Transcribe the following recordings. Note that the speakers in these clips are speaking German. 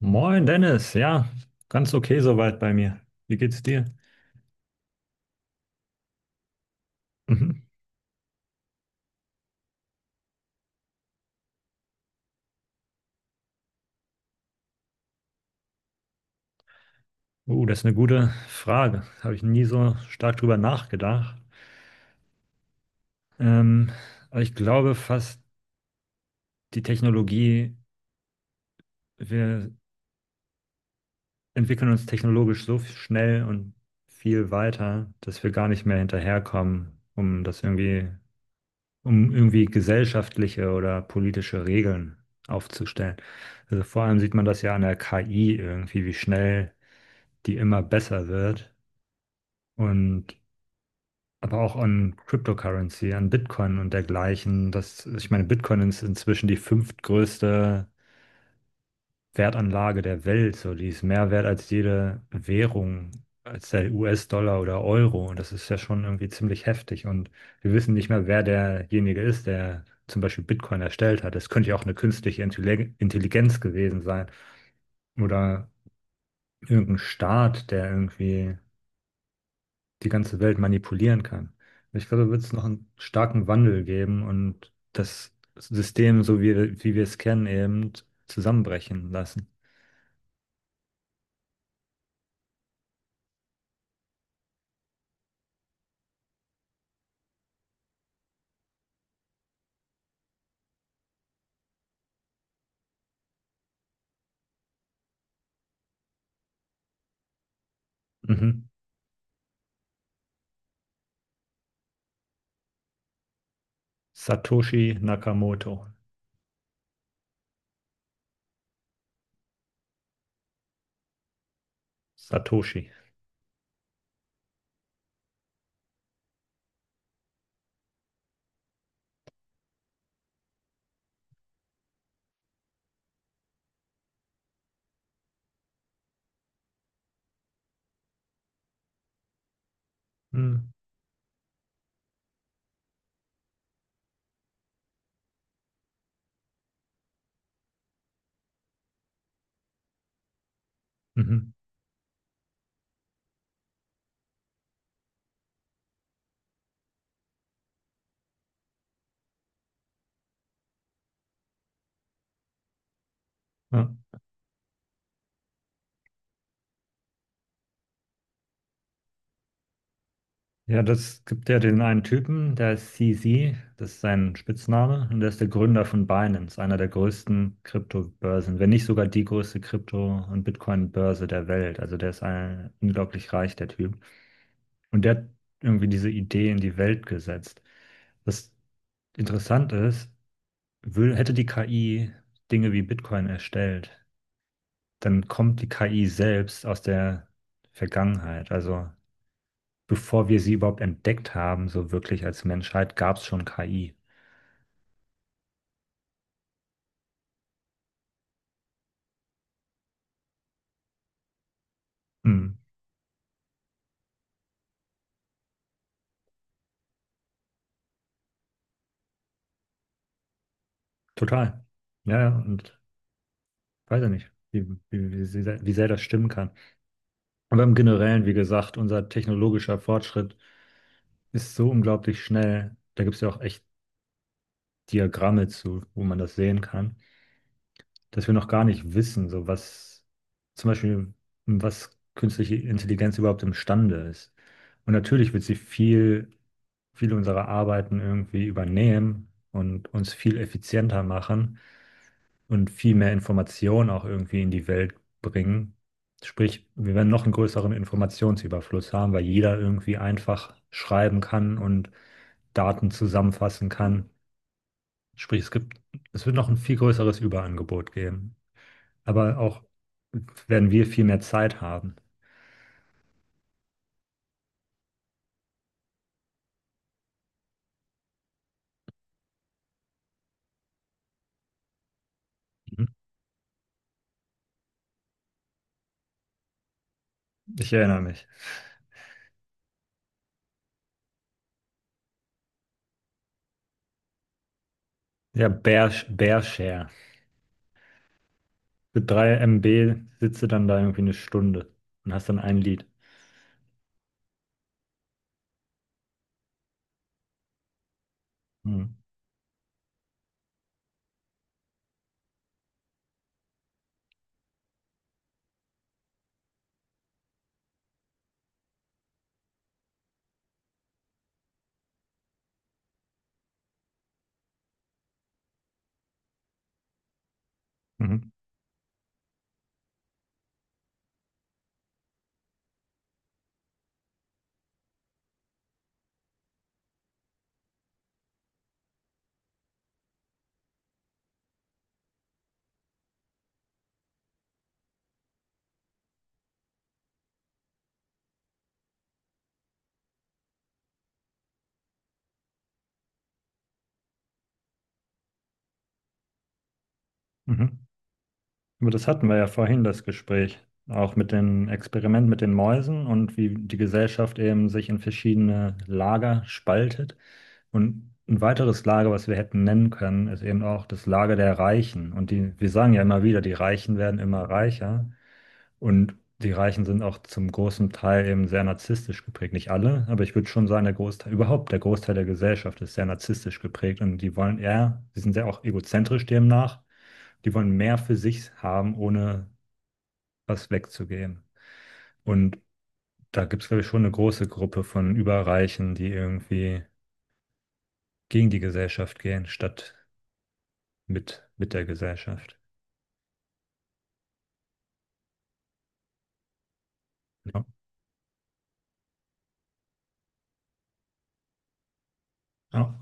Moin Dennis, ja, ganz okay soweit bei mir. Wie geht's dir? Mhm. Das ist eine gute Frage. Habe ich nie so stark drüber nachgedacht. Ähm, aber ich glaube fast, die Technologie, wir entwickeln uns technologisch so schnell und viel weiter, dass wir gar nicht mehr hinterherkommen, um das irgendwie, um irgendwie gesellschaftliche oder politische Regeln aufzustellen. Also vor allem sieht man das ja an der KI irgendwie, wie schnell die immer besser wird. Und aber auch an Cryptocurrency, an Bitcoin und dergleichen. Das, ich meine, Bitcoin ist inzwischen die fünftgrößte Wertanlage der Welt. So, die ist mehr wert als jede Währung, als der US-Dollar oder Euro. Und das ist ja schon irgendwie ziemlich heftig. Und wir wissen nicht mehr, wer derjenige ist, der zum Beispiel Bitcoin erstellt hat. Das könnte ja auch eine Intelligenz gewesen sein. Oder irgendein Staat, der irgendwie die ganze Welt manipulieren kann. Ich glaube, da wird es noch einen starken Wandel geben und das System, so wie wir es kennen, eben zusammenbrechen lassen. Mhm. Satoshi Nakamoto. Satoshi. Mhm. Mhm. Ja. Ja, das gibt ja den einen Typen, der ist CZ, das ist sein Spitzname, und der ist der Gründer von Binance, einer der größten Kryptobörsen, wenn nicht sogar die größte Krypto- und Bitcoin-Börse der Welt. Also der ist ein, unglaublich reich, der Typ. Und der hat irgendwie diese Idee in die Welt gesetzt. Was interessant ist, will, hätte die KI Dinge wie Bitcoin erstellt, dann kommt die KI selbst aus der Vergangenheit. Also bevor wir sie überhaupt entdeckt haben, so wirklich als Menschheit, gab es schon KI. Hm, total. Ja, ja, und weiß ja nicht, wie sehr, wie sehr das stimmen kann. Aber im Generellen, wie gesagt, unser technologischer Fortschritt ist so unglaublich schnell. Da gibt es ja auch echt Diagramme zu, wo man das sehen kann, dass wir noch gar nicht wissen, so was zum Beispiel, was künstliche Intelligenz überhaupt imstande ist. Und natürlich wird sie viel, viele unserer Arbeiten irgendwie übernehmen und uns viel effizienter machen und viel mehr Information auch irgendwie in die Welt bringen. Sprich, wir werden noch einen größeren Informationsüberfluss haben, weil jeder irgendwie einfach schreiben kann und Daten zusammenfassen kann. Sprich, es gibt, es wird noch ein viel größeres Überangebot geben. Aber auch werden wir viel mehr Zeit haben. Mhm. Ich erinnere mich. Ja, Bear, Bearshare. Für 3 MB sitzt du dann da irgendwie eine Stunde und hast dann ein Lied. Mhm. Mhm. Mhm. Aber das hatten wir ja vorhin, das Gespräch. Auch mit dem Experiment mit den Mäusen und wie die Gesellschaft eben sich in verschiedene Lager spaltet. Und ein weiteres Lager, was wir hätten nennen können, ist eben auch das Lager der Reichen. Und die, wir sagen ja immer wieder, die Reichen werden immer reicher. Und die Reichen sind auch zum großen Teil eben sehr narzisstisch geprägt. Nicht alle, aber ich würde schon sagen, der Großteil, überhaupt der Großteil der Gesellschaft ist sehr narzisstisch geprägt. Und die wollen eher, die sind sehr auch egozentrisch demnach. Die wollen mehr für sich haben, ohne was wegzugeben. Und da gibt es, glaube ich, schon eine große Gruppe von Überreichen, die irgendwie gegen die Gesellschaft gehen, statt mit der Gesellschaft. Ja, ja,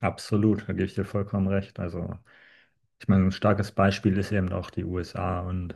absolut, da gebe ich dir vollkommen recht. Also, ich meine, ein starkes Beispiel ist eben auch die USA, und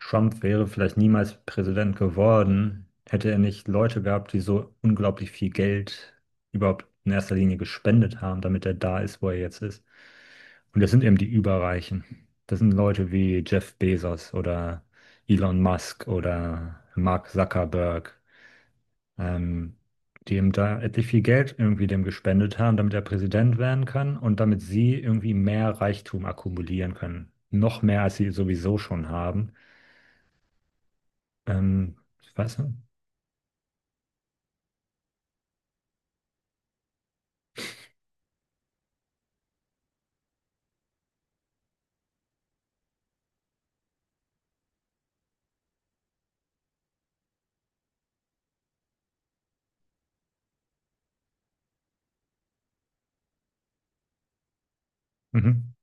Trump wäre vielleicht niemals Präsident geworden, hätte er nicht Leute gehabt, die so unglaublich viel Geld überhaupt in erster Linie gespendet haben, damit er da ist, wo er jetzt ist. Und das sind eben die Überreichen. Das sind Leute wie Jeff Bezos oder Elon Musk oder Mark Zuckerberg. ähm, Die ihm da etlich viel Geld irgendwie dem gespendet haben, damit er Präsident werden kann und damit sie irgendwie mehr Reichtum akkumulieren können. Noch mehr, als sie sowieso schon haben. Ähm, Ich weiß nicht. Mhm.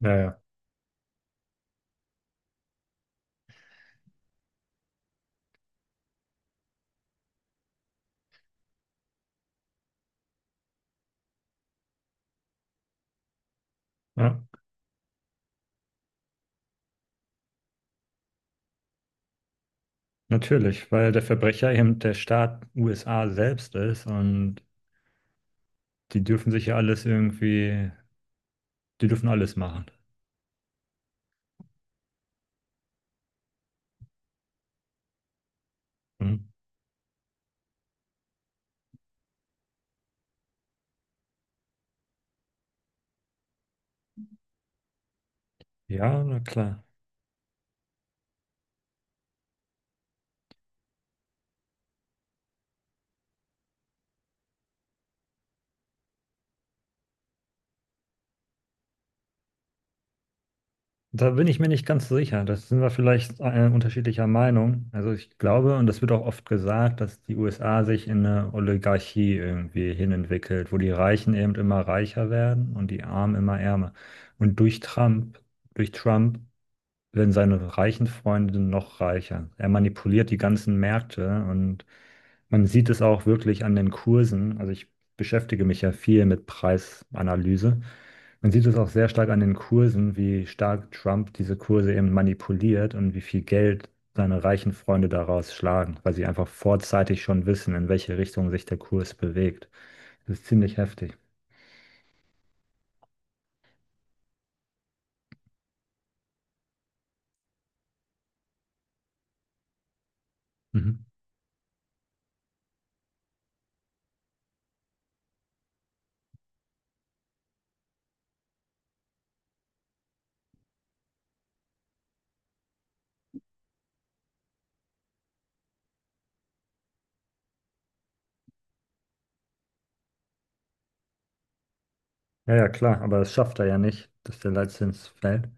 Ja, ja, ja, natürlich, weil der Verbrecher eben der Staat USA selbst ist und die dürfen sich ja alles irgendwie, die dürfen alles machen. Mhm. Ja, na klar. Da bin ich mir nicht ganz sicher. Das sind wir vielleicht unterschiedlicher Meinung. Also ich glaube, und das wird auch oft gesagt, dass die USA sich in eine Oligarchie irgendwie hinentwickelt, wo die Reichen eben immer reicher werden und die Armen immer ärmer. Und durch Trump werden seine reichen Freunde noch reicher. Er manipuliert die ganzen Märkte und man sieht es auch wirklich an den Kursen. Also ich beschäftige mich ja viel mit Preisanalyse. Man sieht es auch sehr stark an den Kursen, wie stark Trump diese Kurse eben manipuliert und wie viel Geld seine reichen Freunde daraus schlagen, weil sie einfach vorzeitig schon wissen, in welche Richtung sich der Kurs bewegt. Das ist ziemlich heftig. Mhm. Ja, ja, klar, aber das schafft er ja nicht, dass der Leitzins fällt.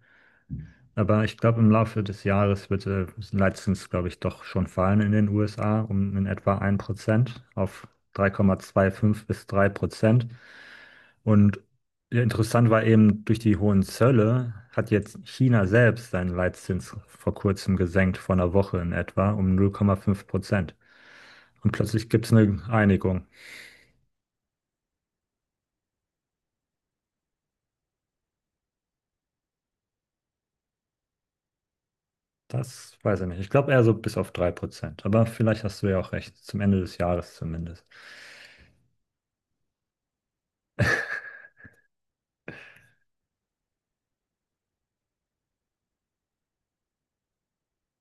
Aber ich glaube, im Laufe des Jahres wird letztens, glaube ich, doch schon fallen in den USA um in etwa 1% auf 3,25 bis 3%. Und ja, interessant war eben, durch die hohen Zölle hat jetzt China selbst seinen Leitzins vor kurzem gesenkt, vor einer Woche in etwa, um 0,5%. Und plötzlich gibt es eine Einigung. Das weiß ich nicht. Ich glaube eher so bis auf 3%. Aber vielleicht hast du ja auch recht, zum Ende des Jahres zumindest.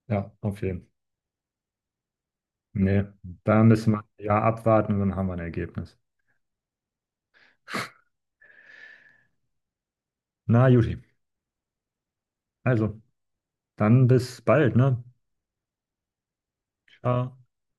Ja, auf jeden Fall. Nee, da müssen wir ein Jahr abwarten und dann haben wir ein Ergebnis. Na, Juti. Also, dann bis bald, ne? Ciao.